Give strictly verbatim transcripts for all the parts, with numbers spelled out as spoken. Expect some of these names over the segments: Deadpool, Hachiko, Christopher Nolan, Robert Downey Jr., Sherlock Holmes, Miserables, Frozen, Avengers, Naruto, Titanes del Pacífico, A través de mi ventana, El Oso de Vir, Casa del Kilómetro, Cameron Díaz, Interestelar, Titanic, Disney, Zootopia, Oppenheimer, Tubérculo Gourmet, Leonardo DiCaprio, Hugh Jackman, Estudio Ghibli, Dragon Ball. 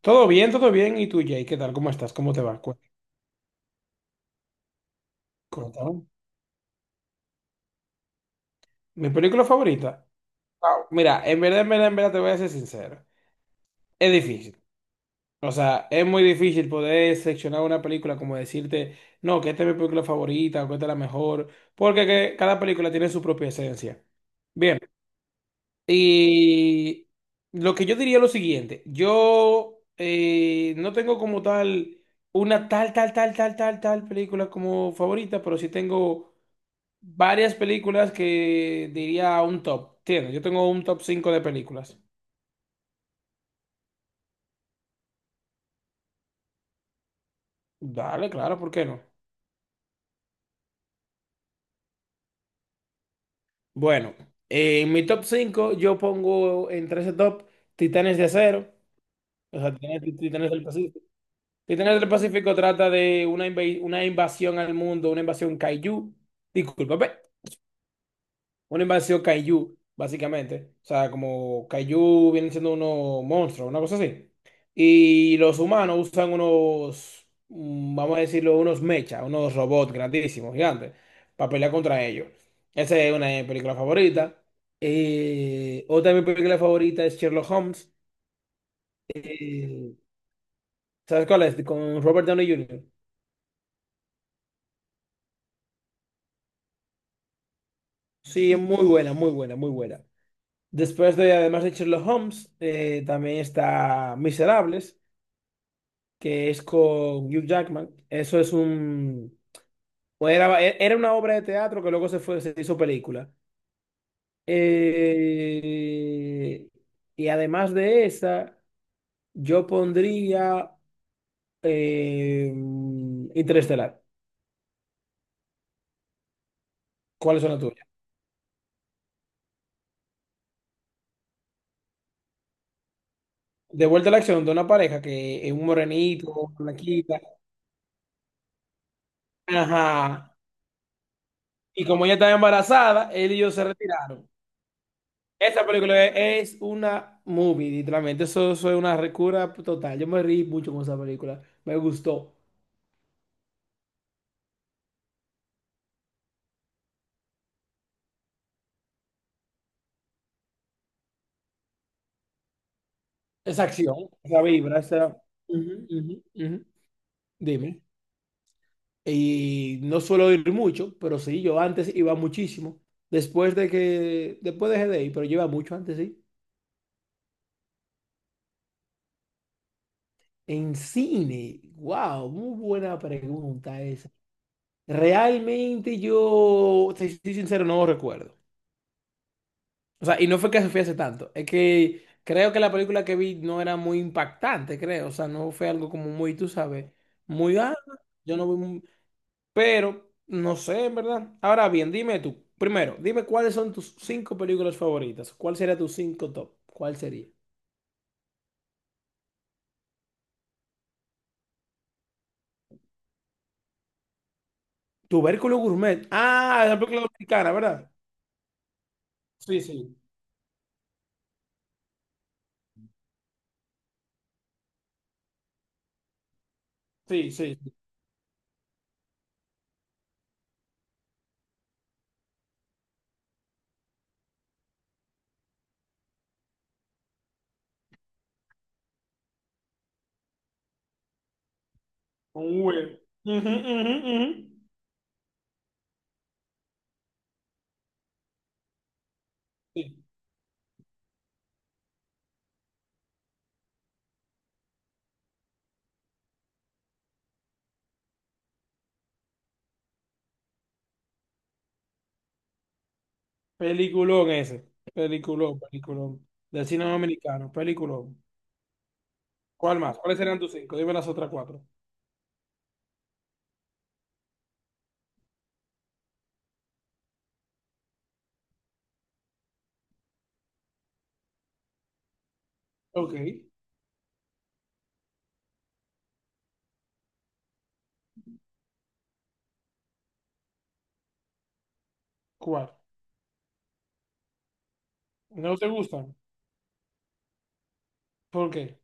Todo bien, todo bien. ¿Y tú, Jay? ¿Qué tal? ¿Cómo estás? ¿Cómo te va? Cu- Cuéntame. ¿Mi película favorita? Wow. Mira, en verdad, en verdad, en verdad, te voy a ser sincero. Es difícil. O sea, es muy difícil poder seleccionar una película como decirte, no, que esta es mi película favorita o que esta es la mejor, porque que cada película tiene su propia esencia. Bien, y lo que yo diría es lo siguiente, yo eh, no tengo como tal una tal, tal, tal, tal, tal, tal película como favorita, pero sí tengo varias películas que diría un top. Tiene, yo tengo un top cinco de películas. Dale, claro, ¿por qué no? Bueno, eh, en mi top cinco yo pongo entre ese top Titanes de Acero, o sea, Titanes, Titanes del Pacífico. Titanes del Pacífico trata de una, inve- una invasión al mundo, una invasión kaiju. Disculpa, una invasión kaiju, básicamente. O sea, como kaiju vienen siendo unos monstruos, una cosa así. Y los humanos usan unos, mm, vamos a decirlo, unos mechas, unos robots grandísimos, gigantes, para pelear contra ellos. Esa es una de mis películas favoritas. Eh, otra de mis películas favoritas es Sherlock Holmes. Eh, ¿sabes cuál es? Con Robert Downey junior Sí, es muy buena, muy buena, muy buena. Después de, además de Sherlock Holmes, eh, también está Miserables, que es con Hugh Jackman. Eso es un... bueno, Era, era una obra de teatro que luego se fue, se hizo película. Eh, y además de esa, yo pondría eh, Interestelar. ¿Cuáles son las tuyas? De vuelta a la acción de una pareja que es un morenito, una blanquita. Ajá. Y como ella estaba embarazada, él y yo se retiraron. Esa película es es una movie, literalmente. Eso, eso es una recura total. Yo me reí mucho con esa película. Me gustó. Esa acción, esa vibra, esa... Ujú, ujú, ujú. Dime. Y no suelo ir mucho, pero sí, yo antes iba muchísimo. Después de que... Después dejé de ir, pero yo iba mucho antes, sí. En cine. Wow, muy buena pregunta esa. Realmente yo, si soy sincero, no recuerdo. O sea, y no fue que se hace tanto. Es que creo que la película que vi no era muy impactante, creo. O sea, no fue algo como muy, tú sabes, muy, ah, yo no vi muy- Pero no sé, en verdad. Ahora bien, dime tú. Primero, dime cuáles son tus cinco películas favoritas. ¿Cuál sería tus cinco top? ¿Cuál sería? Tubérculo Gourmet. Ah, la película dominicana, ¿verdad? Sí, sí. Sí, sí, sí. Con V. Ujú, ujú, ujú. Sí. Peliculón ese. Peliculón, peliculón. Del cine dominicano. Peliculón. ¿Cuál más? ¿Cuáles serían tus cinco? Dime las otras cuatro. Ok, ¿cuál? ¿No te gustan? ¿Por qué?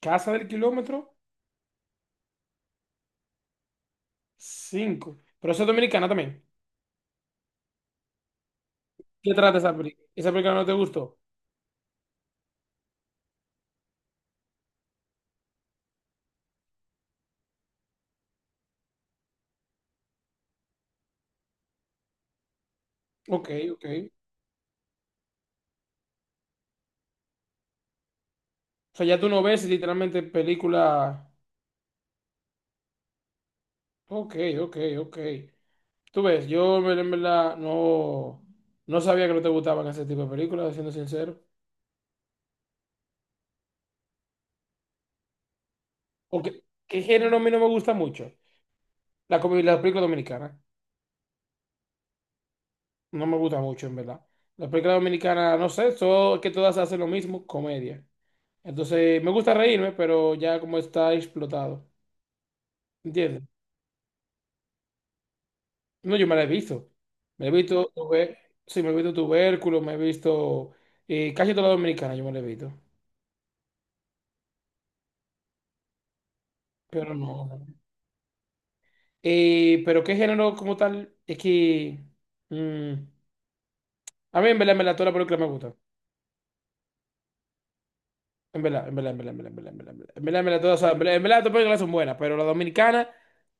Casa del Kilómetro, cinco. Pero eso es dominicana también. ¿Qué trata esa película? ¿Esa película no te gustó? Ok, ok. O sea, ya tú no ves literalmente película... Ok, ok, ok. Tú ves, yo en verdad en verdad, no, no sabía que no te gustaban ese tipo de películas, siendo sincero. Ok, ¿qué género a mí no me gusta mucho? La, comi- la película dominicana. No me gusta mucho, en verdad. Las películas dominicanas, no sé, so- que todas hacen lo mismo, comedia. Entonces, me gusta reírme, pero ya como está explotado. ¿Entiendes? No, yo me la he visto. Me he visto, tuve- sí, me he visto Tubérculo, me he visto eh, casi toda la dominicana yo me la he visto. Pero no. Eh, pero qué género como tal, es que... mm, a mí en verdad me la toda la película me gusta. En verdad, en verdad, en verdad, en verdad, en verdad, en verdad, en verdad, en verdad, en verdad, todas, son- en verdad, en verdad, todas las películas son buenas, pero las dominicanas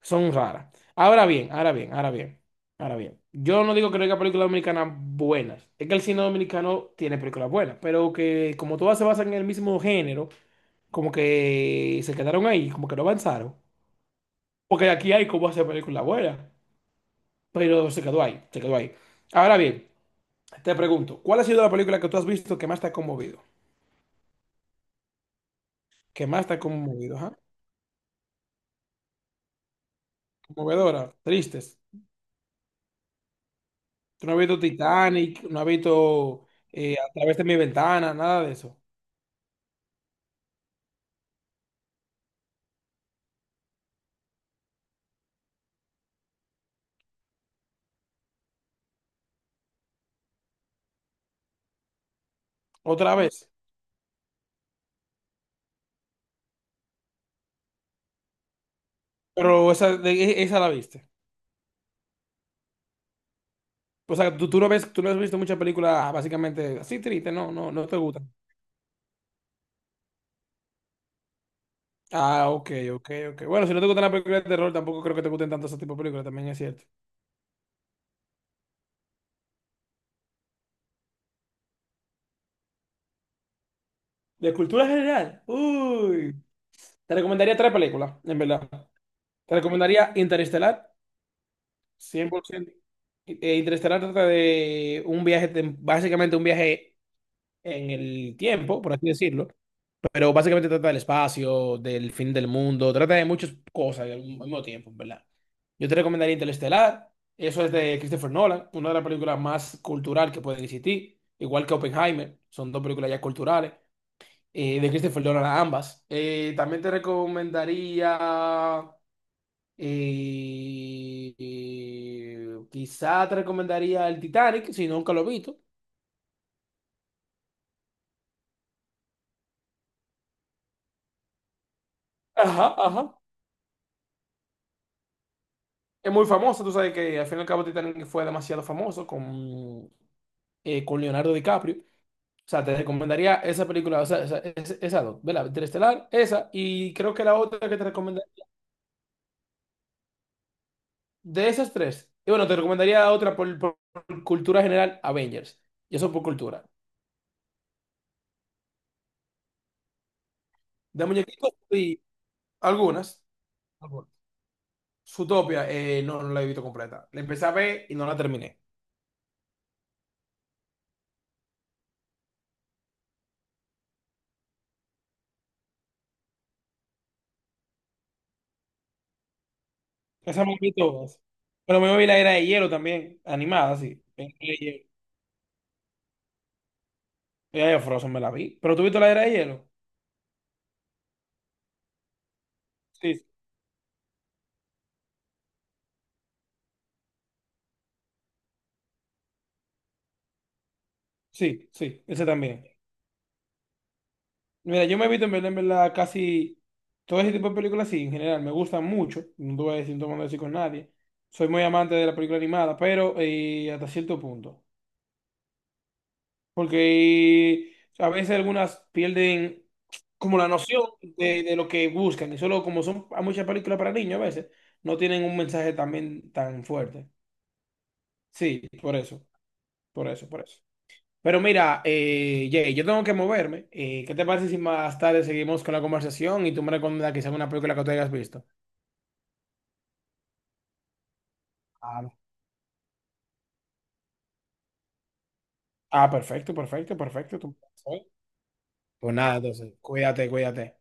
son raras. Ahora bien, ahora bien, ahora bien, ahora bien. Yo no digo que no haya películas dominicanas buenas. Es que el cine dominicano tiene películas buenas, pero que como todas se basan en el mismo género, como que se quedaron ahí, como que no avanzaron. Porque aquí hay cómo hacer películas buenas, pero se quedó ahí, se quedó ahí. Ahora bien, te pregunto, ¿cuál ha sido la película que tú has visto que más te ha conmovido? ¿Que más te ha conmovido, ajá? Conmovedora, tristes. Tú no has visto Titanic, no has visto eh, A través de mi ventana, nada de eso. Otra vez. Pero esa, de- e- esa la viste. O sea, tú, tú no ves, tú no has visto muchas películas básicamente así tristes, no, no, no te gustan. Ah, ok, ok, ok. Bueno, si no te gustan las películas de terror, tampoco creo que te gusten tanto ese tipo de películas, también es cierto. De cultura general, uy. Te recomendaría tres películas, en verdad. Te recomendaría Interestelar, cien por ciento. Eh, Interestelar trata de un viaje, tem- básicamente un viaje en el tiempo, por así decirlo, pero básicamente trata del espacio, del fin del mundo, trata de muchas cosas al mismo tiempo, ¿en verdad? Yo te recomendaría Interestelar, eso es de Christopher Nolan, una de las películas más cultural que pueden existir, igual que Oppenheimer, son dos películas ya culturales, eh, de Christopher Nolan ambas. Eh, también te recomendaría, eh, eh, quizá te recomendaría el Titanic, si nunca lo he visto. Ajá, ajá. Es muy famosa, tú sabes que al fin y al cabo Titanic fue demasiado famoso con, eh, con Leonardo DiCaprio. O sea, te recomendaría esa película, o sea, esa, esa, esa dos, ¿verdad? Interestelar, esa, y creo que la otra que te recomendaría, de esas tres, y bueno, te recomendaría otra por, por cultura general, Avengers, y eso por cultura. De muñequitos, y algunas, algunas. Zootopia, eh, no, no la he visto completa. La empecé a ver y no la terminé. Esa me vi todas. Pero me vi la era de hielo también, animada, sí. Era de hielo. Ya, ya, Frozen me la vi. ¿Pero tú viste la era de hielo? Sí, sí, sí, ese también. Mira, yo me he visto en verdad, en verdad, casi todo ese tipo de películas, sí, en general, me gustan mucho. No te voy a decir, no te voy a decir con nadie. Soy muy amante de la película animada, pero eh, hasta cierto punto. Porque eh, a veces algunas pierden como la noción de, de lo que buscan. Y solo como son muchas películas para niños a veces, no tienen un mensaje también tan fuerte. Sí, por eso, por eso, por eso. Pero mira, eh, Jay, yo tengo que moverme. Eh, ¿qué te parece si más tarde seguimos con la conversación y tú me recomiendas quizá una película que tú hayas visto? Claro. Ah, perfecto, perfecto, perfecto. tú- Pues nada, entonces, cuídate, cuídate.